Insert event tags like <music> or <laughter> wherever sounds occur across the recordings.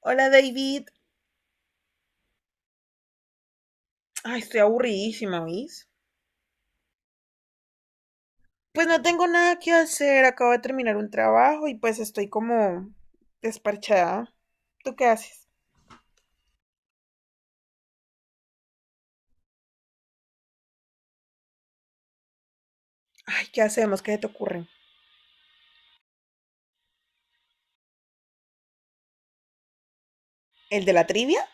Hola David. Ay, estoy aburridísima, ¿oís? Pues no tengo nada que hacer, acabo de terminar un trabajo y pues estoy como desparchada. ¿Tú qué haces? Ay, ¿qué hacemos? ¿Qué se te ocurre? ¿El de la trivia?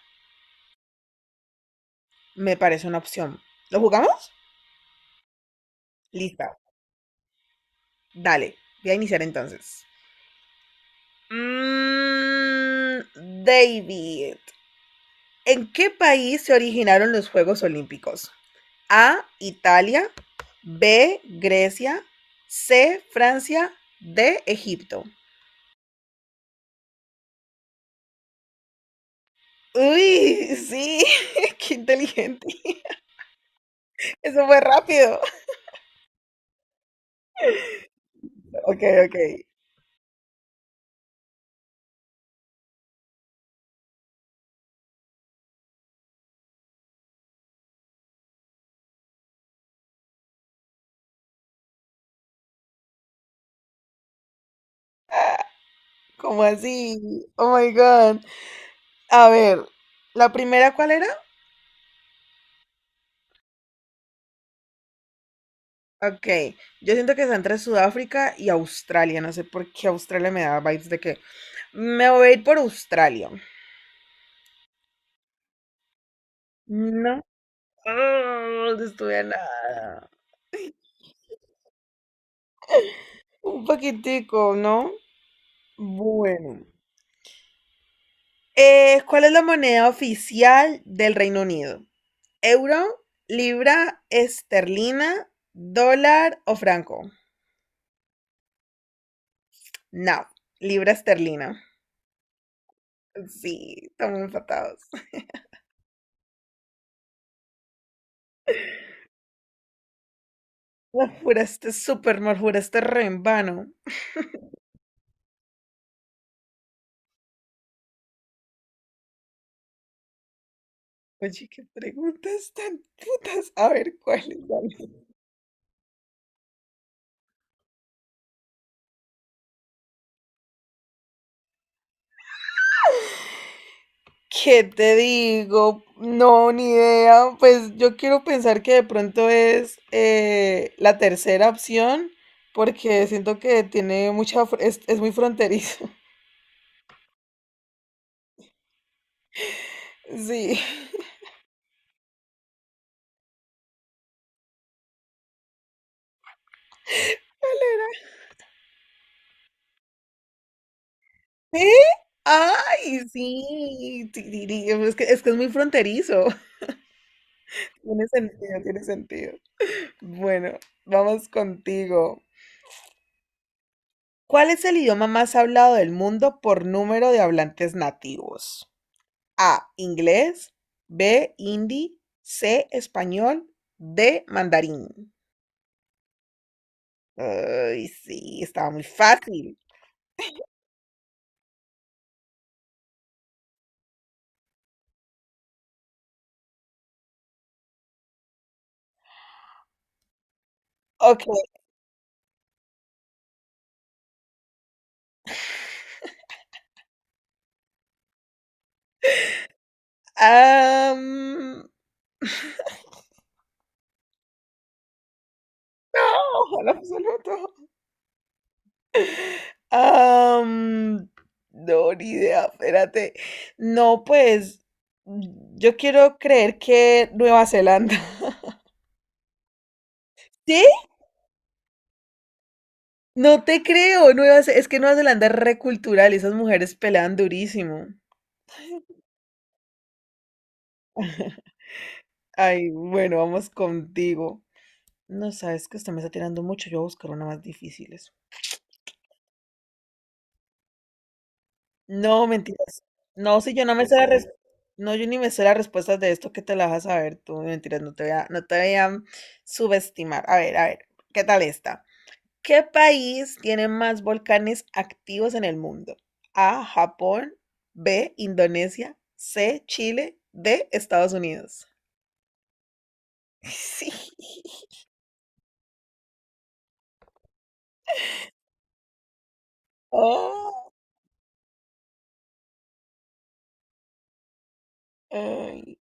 Me parece una opción. ¿Lo jugamos? Lista. Dale. Voy a iniciar entonces. David, ¿en qué país se originaron los Juegos Olímpicos? A, Italia, B, Grecia, C, Francia, D, Egipto. Uy, sí, <laughs> qué inteligente. <laughs> Eso fue rápido. Ok, ok. ¿Cómo así? Oh my God. A ver, ¿la primera cuál era? Ok, yo siento que está entre Sudáfrica y Australia. No sé por qué Australia me da vibes de que me voy a ir por Australia. No. Ah, no estudia nada. Un paquetico, ¿no? Bueno. ¿Cuál es la moneda oficial del Reino Unido? ¿Euro, libra esterlina, dólar o franco? No, libra esterlina. Sí, estamos empatados. <laughs> La juraste súper mal, juraste re en vano. Oye, qué preguntas tan putas. A ver, ¿cuál es la ¿qué te digo? No, ni idea. Pues yo quiero pensar que de pronto es la tercera opción, porque siento que tiene mucha, es muy fronterizo. <laughs> Sí. ¿Eh? ¡Ay, sí! Es que es muy fronterizo. <laughs> Tiene sentido, tiene sentido. Bueno, vamos contigo. ¿Cuál es el idioma más hablado del mundo por número de hablantes nativos? A, inglés, B, hindi, C, español, D, mandarín. Ay, sí, estaba muy fácil. Ok, am, oh, ojalá absoluto. Am, no, ni idea, espérate. No, pues yo quiero creer que Nueva Zelanda. <laughs> ¿Sí? No te creo, es que Nueva Zelanda es recultural y esas mujeres pelean durísimo. Ay, bueno, vamos contigo. No, sabes que usted me está tirando mucho, yo voy a buscar una más difíciles. No, mentiras. No, si yo no me sé la res- no, yo ni me sé las respuestas de esto que te las vas a saber tú, mentiras, no te voy a subestimar. A ver, ¿qué tal esta? ¿Qué país tiene más volcanes activos en el mundo? A, Japón, B, Indonesia, C, Chile, D, Estados Unidos. <laughs> Sí. Oh, ay.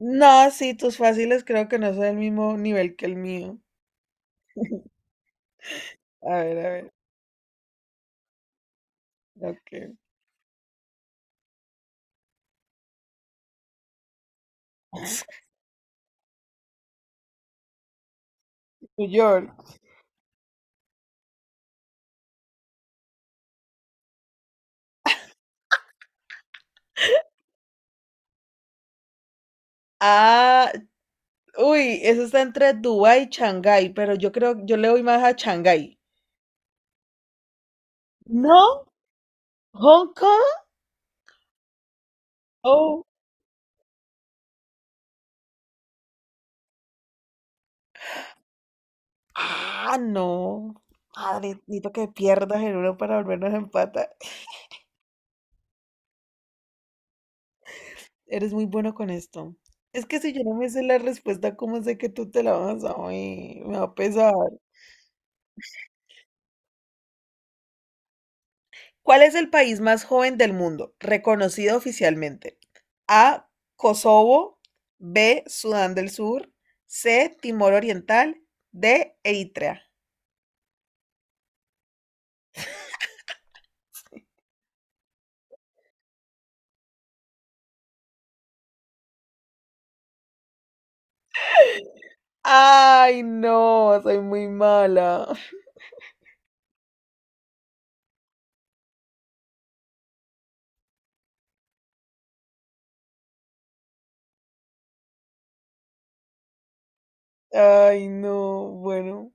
No, sí, tus fáciles creo que no son del mismo nivel que el mío. A ver, a ver. Ok. <laughs> New York. Ah, uy, eso está entre Dubái y Shanghái, pero yo creo, yo le voy más a Shanghái. ¿No? ¿Hong Kong? Oh. Ah, no. Madre, necesito que pierdas en uno para volvernos a empatar. Eres muy bueno con esto. Es que si yo no me sé la respuesta, ¿cómo sé que tú te la vas a oír? Me va a pesar. ¿Cuál es el país más joven del mundo, reconocido oficialmente? A. Kosovo. B. Sudán del Sur. C. Timor Oriental. D. Eritrea. Ay, no, soy muy mala. Ay, no, bueno.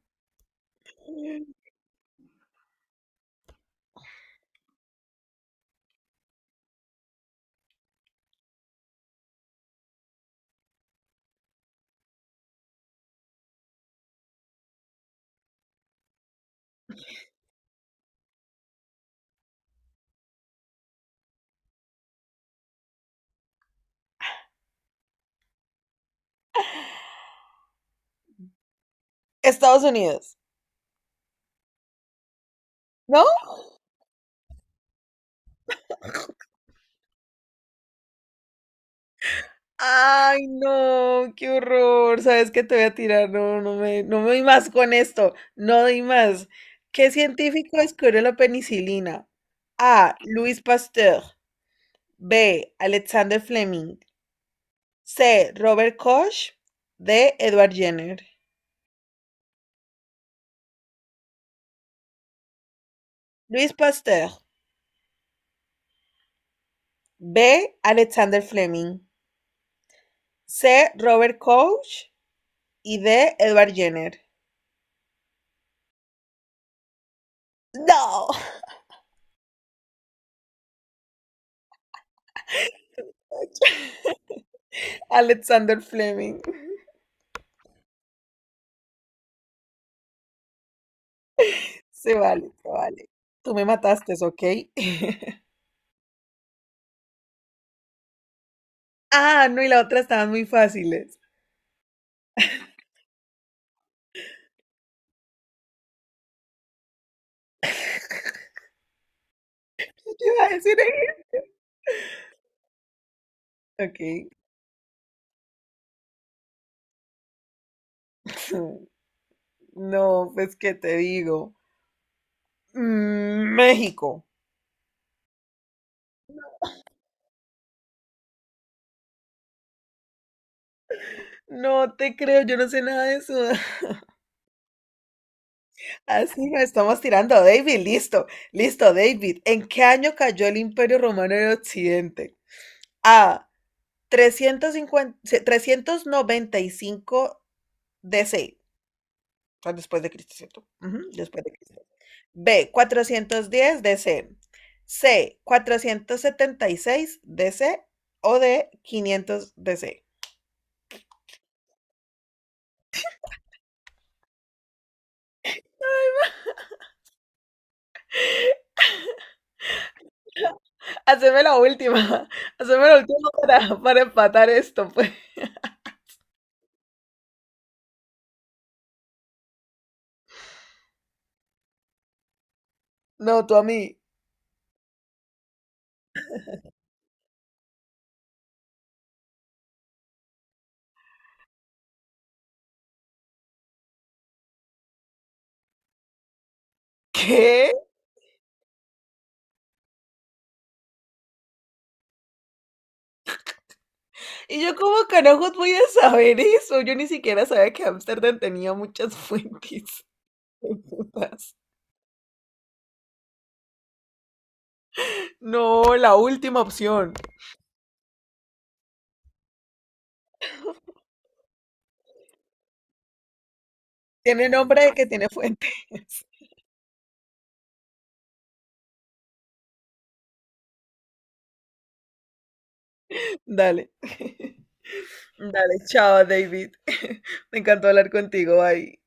Estados Unidos. No, ay, no, qué horror. ¿Sabes qué te voy a tirar? No, no me doy más con esto. No doy más. ¿Qué científico descubrió la penicilina? A. Louis Pasteur. B. Alexander Fleming. C. Robert Koch. D. Edward Jenner. Louis Pasteur. B. Alexander Fleming. C. Robert Koch. Y D. Edward Jenner. No. <laughs> Alexander Fleming. Se vale, se vale. Tú me mataste, ¿ok? <laughs> Ah, no, y la otra estaban muy fáciles. ¿Qué te iba a decir? ¿Ahí? Ok. <laughs> No, pues, ¿qué te digo? México. No te creo, yo no sé nada de eso. <laughs> Así nos estamos tirando, David. Listo, listo, David. ¿En qué año cayó el Imperio Romano en Occidente? A. 350, 395 DC. O sea, después de Cristo, ¿cierto? Ujú, después de Cristo. B, 410 DC. C, 476 DC o D, 500 DC. Haceme la última. <laughs> Haceme la última para empatar esto, pues. No, tú a mí. ¿Qué? Y yo como carajos voy a saber eso. Yo ni siquiera sabía que Ámsterdam tenía muchas <laughs> fuentes. Putas. No, la última opción. Tiene nombre de que tiene fuentes. <laughs> Dale. <laughs> Dale, chao, David. <laughs> Me encantó hablar contigo. Bye.